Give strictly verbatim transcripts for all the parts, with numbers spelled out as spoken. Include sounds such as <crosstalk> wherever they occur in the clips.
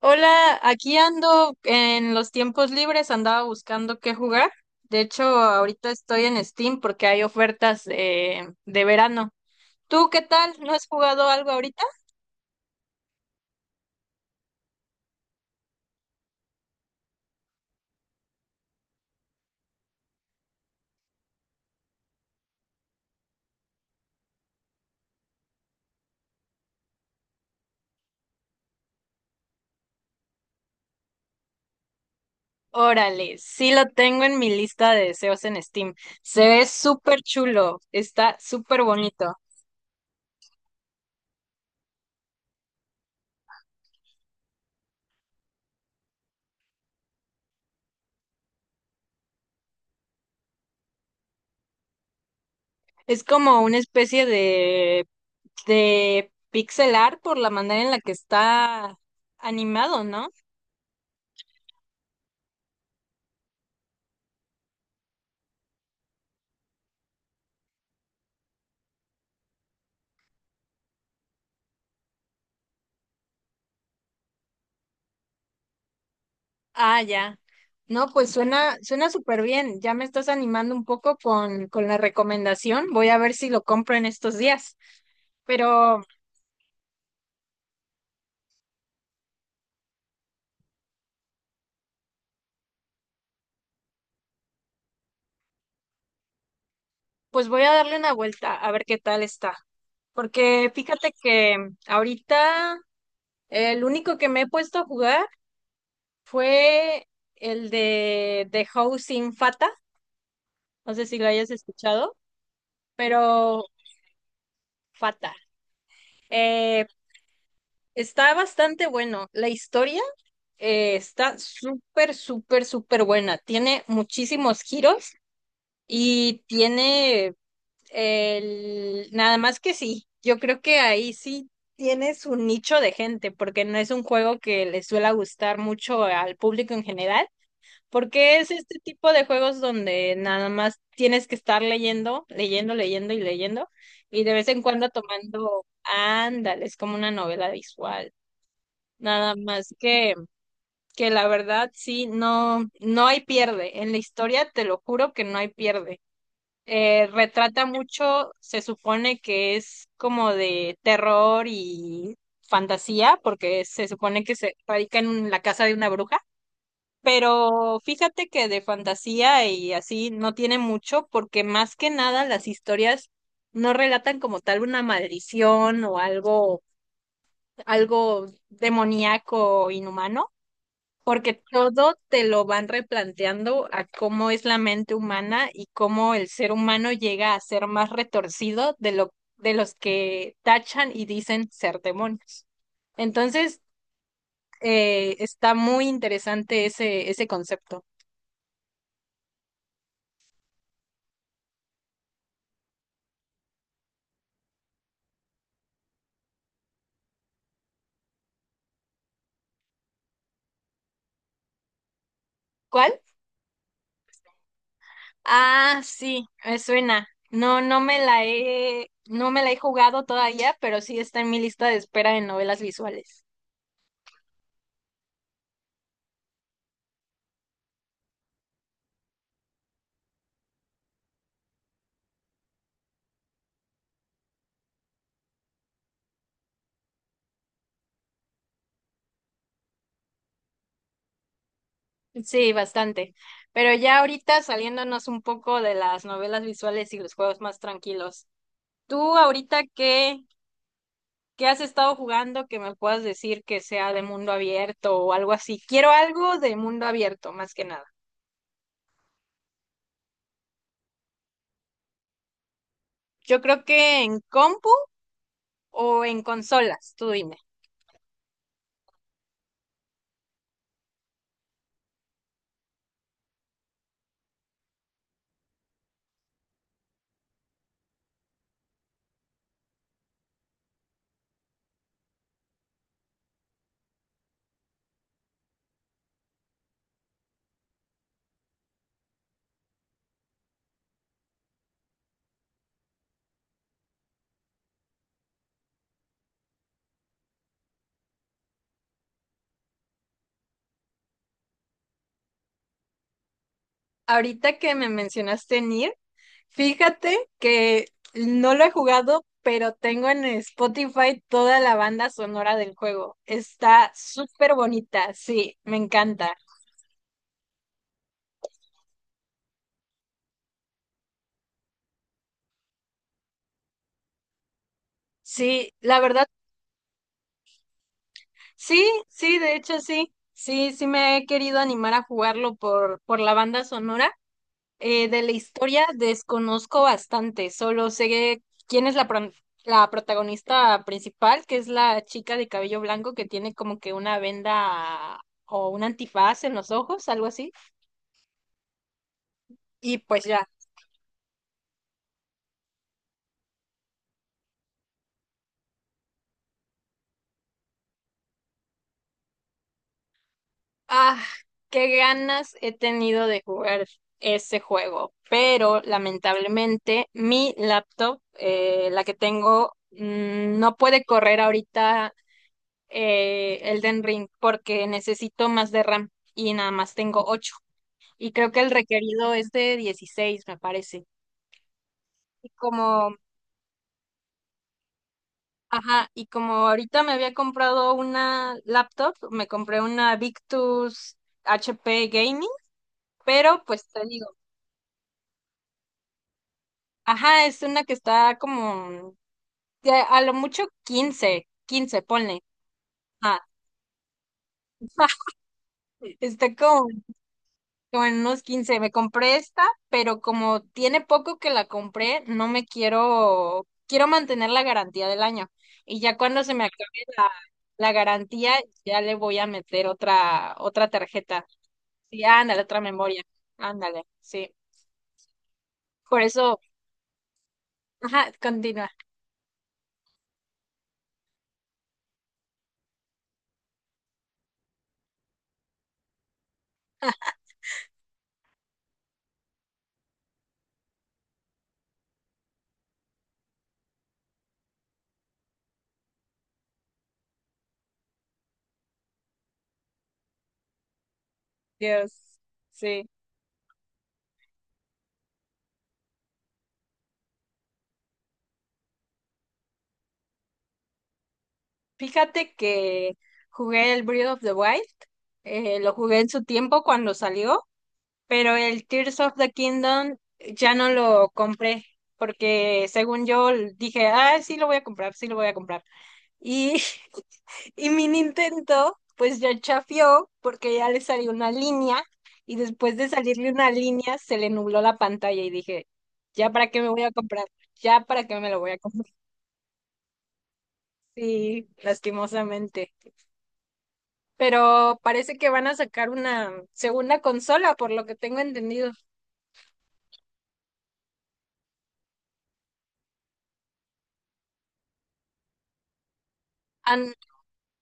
Hola, aquí ando en los tiempos libres, andaba buscando qué jugar. De hecho, ahorita estoy en Steam porque hay ofertas eh, de verano. ¿Tú qué tal? ¿No has jugado algo ahorita? Órale, sí lo tengo en mi lista de deseos en Steam. Se ve súper chulo, está súper bonito. Es como una especie de, de pixel art por la manera en la que está animado, ¿no? Ah, ya. No, pues suena, suena súper bien. Ya me estás animando un poco con, con la recomendación. Voy a ver si lo compro en estos días. Pero pues voy a darle una vuelta a ver qué tal está. Porque fíjate que ahorita el único que me he puesto a jugar fue el de The Housing Fata. No sé si lo hayas escuchado, pero Fata. Eh, Está bastante bueno. La historia, Eh, está súper, súper, súper buena. Tiene muchísimos giros y tiene el... Nada más que sí, yo creo que ahí sí tiene su nicho de gente, porque no es un juego que le suele gustar mucho al público en general, porque es este tipo de juegos donde nada más tienes que estar leyendo, leyendo, leyendo y leyendo, y de vez en cuando tomando, ándale, es como una novela visual. Nada más que que la verdad sí, no, no hay pierde. En la historia te lo juro que no hay pierde. Eh, retrata mucho, se supone que es como de terror y fantasía, porque se supone que se radica en la casa de una bruja. Pero fíjate que de fantasía y así no tiene mucho, porque más que nada las historias no relatan como tal una maldición o algo, algo demoníaco o inhumano, porque todo te lo van replanteando a cómo es la mente humana y cómo el ser humano llega a ser más retorcido de lo de los que tachan y dicen ser demonios. Entonces, eh, está muy interesante ese, ese concepto. ¿Cuál? Ah, sí, me suena. No, no me la he, no me la he jugado todavía, pero sí está en mi lista de espera de novelas visuales. Sí, bastante. Pero ya ahorita saliéndonos un poco de las novelas visuales y los juegos más tranquilos. ¿Tú ahorita qué, qué has estado jugando que me puedas decir que sea de mundo abierto o algo así? Quiero algo de mundo abierto, más que nada. Yo creo que en compu o en consolas, tú dime. Ahorita que me mencionaste Nier, fíjate que no lo he jugado, pero tengo en Spotify toda la banda sonora del juego. Está súper bonita, sí, me encanta. Sí, la verdad, sí, sí, de hecho sí. Sí, sí me he querido animar a jugarlo por, por la banda sonora. Eh, de la historia desconozco bastante, solo sé quién es la, pron- la protagonista principal, que es la chica de cabello blanco que tiene como que una venda o un antifaz en los ojos, algo así. Y pues ya, ah, qué ganas he tenido de jugar ese juego, pero lamentablemente mi laptop, eh, la que tengo, mm, no puede correr ahorita eh, Elden Ring porque necesito más de RAM y nada más tengo ocho. Y creo que el requerido es de dieciséis, me parece. Y como, ajá, y como ahorita me había comprado una laptop, me compré una Victus H P Gaming, pero pues te digo, ajá, es una que está como de a lo mucho quince, quince ponle. Ah, <laughs> está como como en unos quince. Me compré esta, pero como tiene poco que la compré, no me quiero, quiero mantener la garantía del año. Y ya cuando se me acabe la, la garantía, ya le voy a meter otra, otra tarjeta. Sí, ándale, otra memoria. Ándale, sí. Por eso, ajá, continúa. Dios, sí. Fíjate que jugué el Breath of the Wild. Eh, lo jugué en su tiempo cuando salió, pero el Tears of the Kingdom ya no lo compré, porque según yo dije, ah, sí lo voy a comprar, sí lo voy a comprar. Y <laughs> y mi Nintendo, pues ya chafió, porque ya le salió una línea, y después de salirle una línea, se le nubló la pantalla y dije, ya para qué me voy a comprar, ya para qué me lo voy a comprar. <laughs> Sí, lastimosamente. Pero parece que van a sacar una segunda consola, por lo que tengo entendido.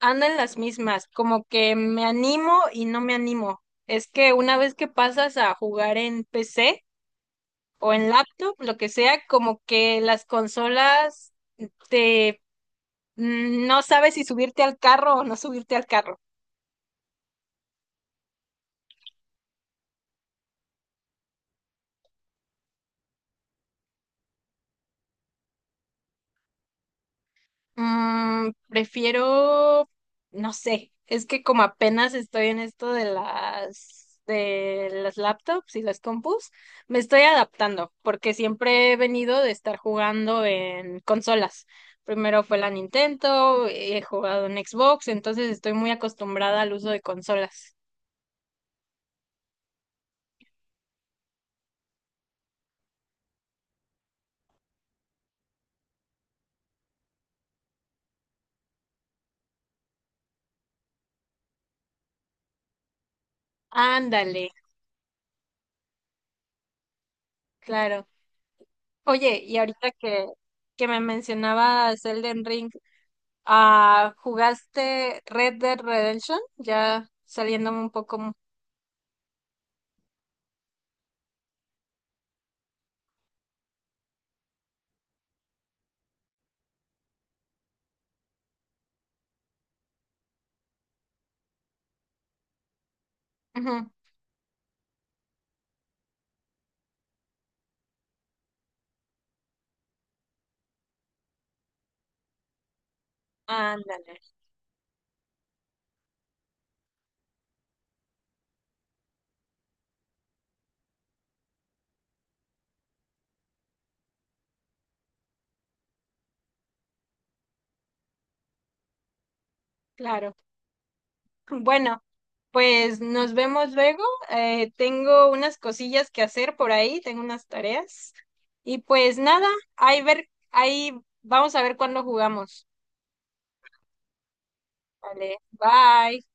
Ando en las mismas, como que me animo y no me animo. Es que una vez que pasas a jugar en P C o en laptop, lo que sea, como que las consolas te mm, no sabes si subirte al carro o no subirte al carro. Mm, prefiero, no sé, es que como apenas estoy en esto de las de las laptops y las compus, me estoy adaptando, porque siempre he venido de estar jugando en consolas. Primero fue la Nintendo, he jugado en Xbox, entonces estoy muy acostumbrada al uso de consolas. Ándale, claro. Oye, y ahorita que, que me mencionabas Elden Ring, ah, ¿jugaste Red Dead Redemption? Ya saliéndome un poco. m- Ujú. Ándale, claro. Bueno, pues nos vemos luego. Eh, tengo unas cosillas que hacer por ahí, tengo unas tareas. Y pues nada, ahí ver, ahí vamos a ver cuándo jugamos. Vale, bye.